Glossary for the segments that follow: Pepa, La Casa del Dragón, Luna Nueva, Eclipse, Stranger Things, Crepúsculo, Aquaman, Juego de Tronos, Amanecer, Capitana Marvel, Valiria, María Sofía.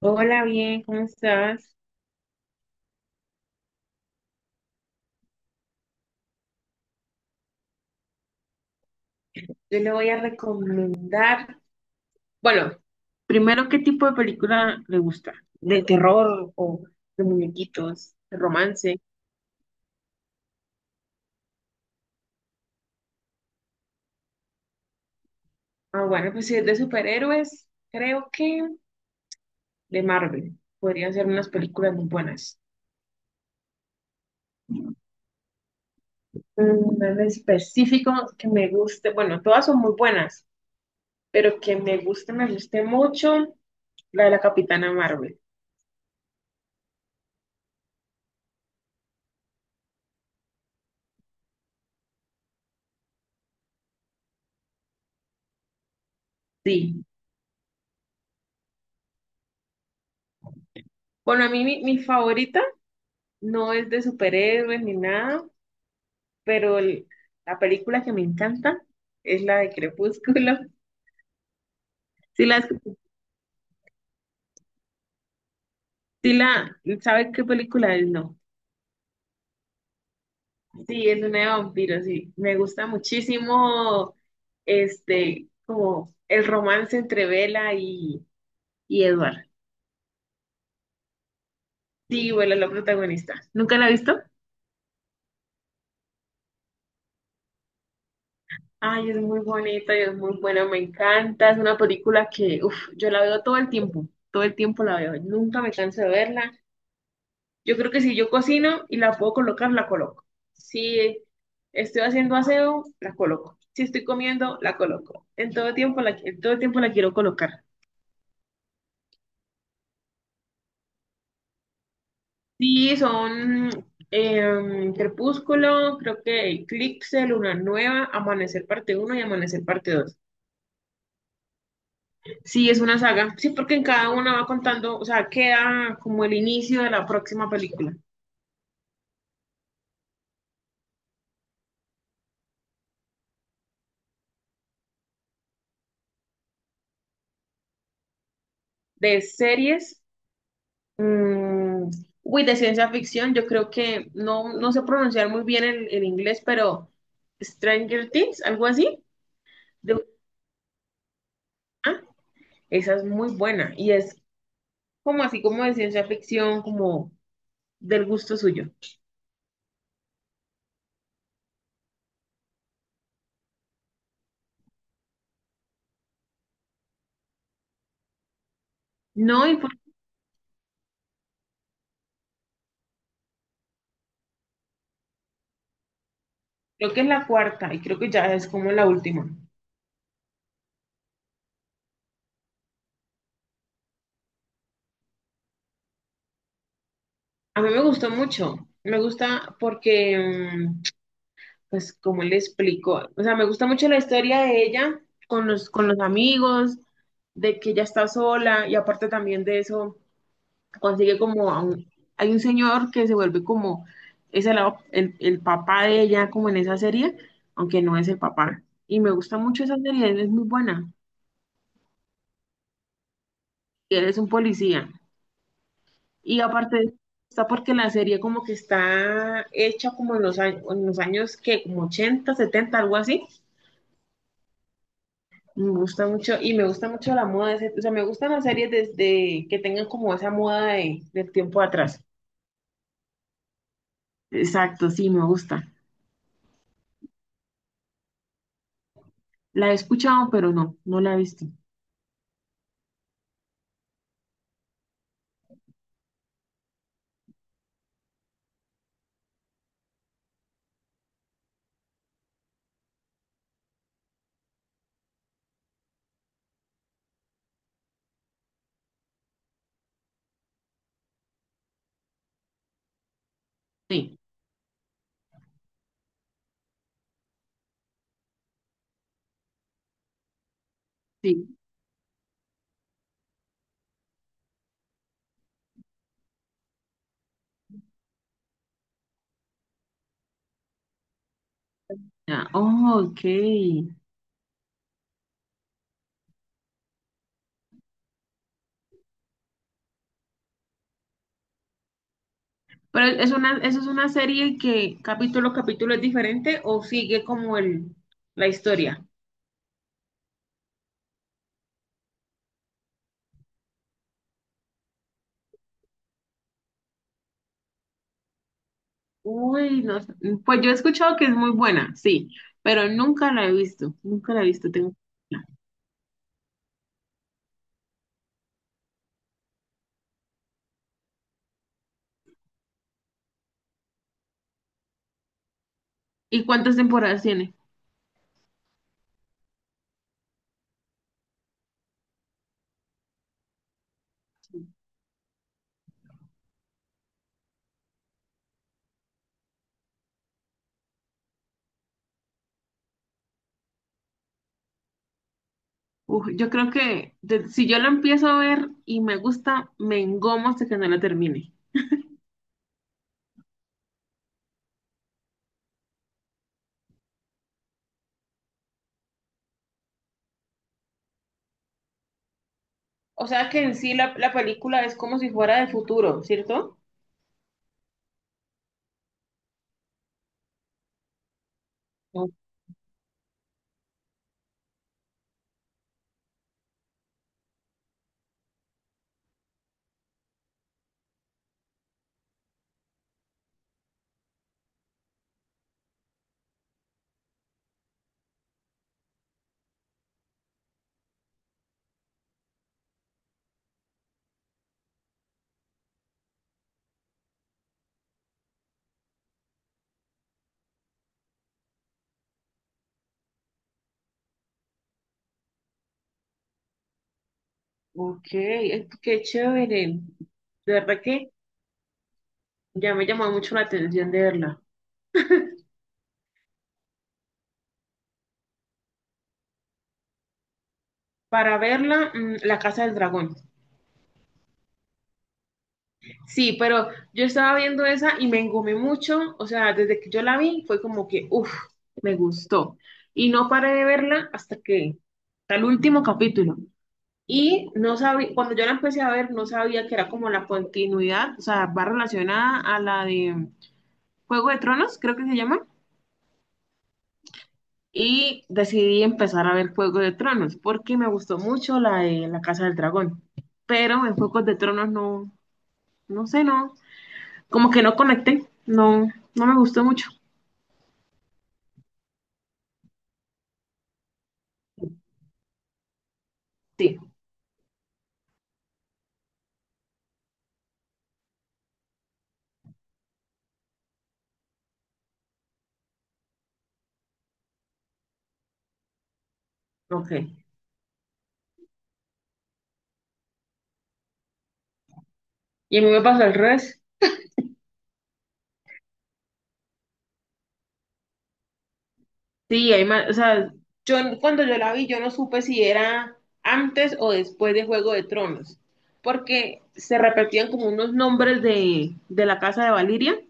Hola, bien, ¿cómo estás? Yo le voy a recomendar, bueno, primero, ¿qué tipo de película le gusta? ¿De terror o de muñequitos, de romance? Ah, bueno, pues si es de superhéroes, creo que de Marvel. Podrían ser unas películas muy buenas. En específico que me guste, bueno, todas son muy buenas, pero que me guste mucho, la de la Capitana Marvel. Sí. Bueno, a mí mi favorita no es de superhéroes ni nada pero la película que me encanta es la de Crepúsculo. Sí la, sí la, ¿sabe qué película es? No. Sí, es una de vampiros, sí. Me gusta muchísimo este, como el romance entre Bella y Edward. Sí, Bella es la protagonista. ¿Nunca la ha visto? Ay, es muy bonita y es muy buena, me encanta. Es una película que, uf, yo la veo todo el tiempo la veo. Nunca me canso de verla. Yo creo que si yo cocino y la puedo colocar, la coloco. Si estoy haciendo aseo, la coloco. Si estoy comiendo, la coloco. En todo tiempo la, en todo tiempo la quiero colocar. Sí, son Crepúsculo, creo que Eclipse, Luna Nueva, Amanecer parte uno y Amanecer parte 2. Sí, es una saga. Sí, porque en cada una va contando, o sea, queda como el inicio de la próxima película. De series, Mm, uy, de ciencia ficción, yo creo que no, no sé pronunciar muy bien el inglés, pero Stranger Things, algo así, de ah, esa es muy buena y es como así como de ciencia ficción, como del gusto suyo. No, y creo que es la cuarta y creo que ya es como la última. A mí me gustó mucho, me gusta porque pues, ¿cómo le explico? O sea, me gusta mucho la historia de ella con los amigos, de que ella está sola y aparte también de eso, consigue como a hay un señor que se vuelve como, es el, el papá de ella como en esa serie, aunque no es el papá. Y me gusta mucho esa serie, es muy buena. Y él es un policía. Y aparte está porque la serie como que está hecha como en los años que como 80 70 algo así. Me gusta mucho, y me gusta mucho la moda, de o sea, me gustan las series desde que tengan como esa moda de, del tiempo atrás. Exacto, sí, me gusta. La he escuchado, pero no, no la he visto. Sí, sí. Ah, oh, ok. Pero es una, eso es una serie que capítulo a capítulo es diferente o sigue como el, la historia. Uy, no sé. Pues yo he escuchado que es muy buena, sí, pero nunca la he visto, nunca la he visto, tengo que verla. ¿Y cuántas temporadas tiene? Uf, yo creo que si yo la empiezo a ver y me gusta, me engomo hasta que no la termine. O sea que en sí la película es como si fuera de futuro, ¿cierto? O- Ok, qué chévere. De verdad que ya me llamó mucho la atención de verla. Para verla, La Casa del Dragón. Sí, pero yo estaba viendo esa y me engomé mucho. O sea, desde que yo la vi fue como que, uff, me gustó. Y no paré de verla hasta que, hasta el último capítulo. Y no sabía, cuando yo la empecé a ver, no sabía que era como la continuidad, o sea, va relacionada a la de Juego de Tronos, creo que se llama. Y decidí empezar a ver Juego de Tronos, porque me gustó mucho la de La Casa del Dragón. Pero en Juegos de Tronos no, no sé, no, como que no conecté, no, no me gustó mucho. Sí, ok. ¿Y a mí me pasó al revés? Sí, hay más, o sea, yo cuando yo la vi, yo no supe si era antes o después de Juego de Tronos, porque se repetían como unos nombres de la casa de Valiria,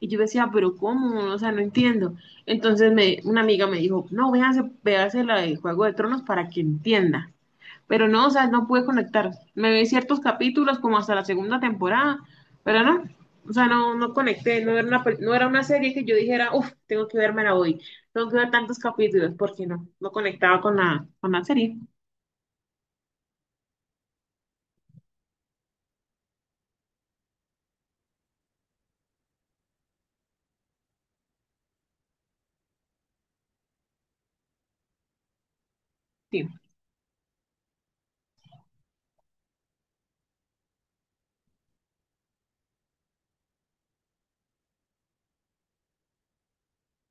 y yo decía, pero ¿cómo? O sea, no entiendo. Entonces me, una amiga me dijo, no, véase, véase la de Juego de Tronos para que entienda. Pero no, o sea, no pude conectar. Me vi ciertos capítulos como hasta la segunda temporada, pero no, o sea, no, no conecté, no era una, no era una serie que yo dijera, uff, tengo que vermela hoy, tengo que ver tantos capítulos, porque no, no conectaba con la serie, sí.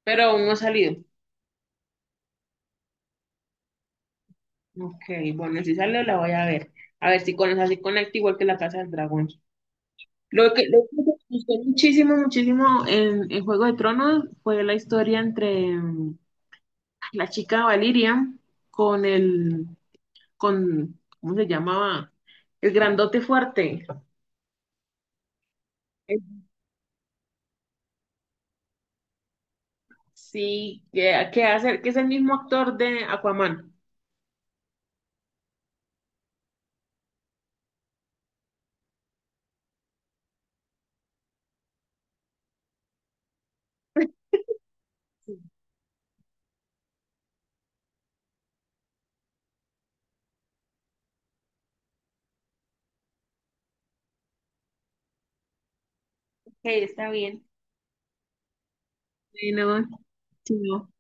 Pero aún no ha salido. Ok, bueno, si sale la voy a ver. A ver si con esa sí conecta igual que la Casa del Dragón. Lo que me gustó muchísimo, muchísimo en Juego de Tronos fue la historia entre la chica Valiria con el con, ¿cómo se llamaba? El grandote fuerte. Eh, Sí, que hace, que es el mismo actor de Aquaman. Ok, está bien. Bueno, sí, no.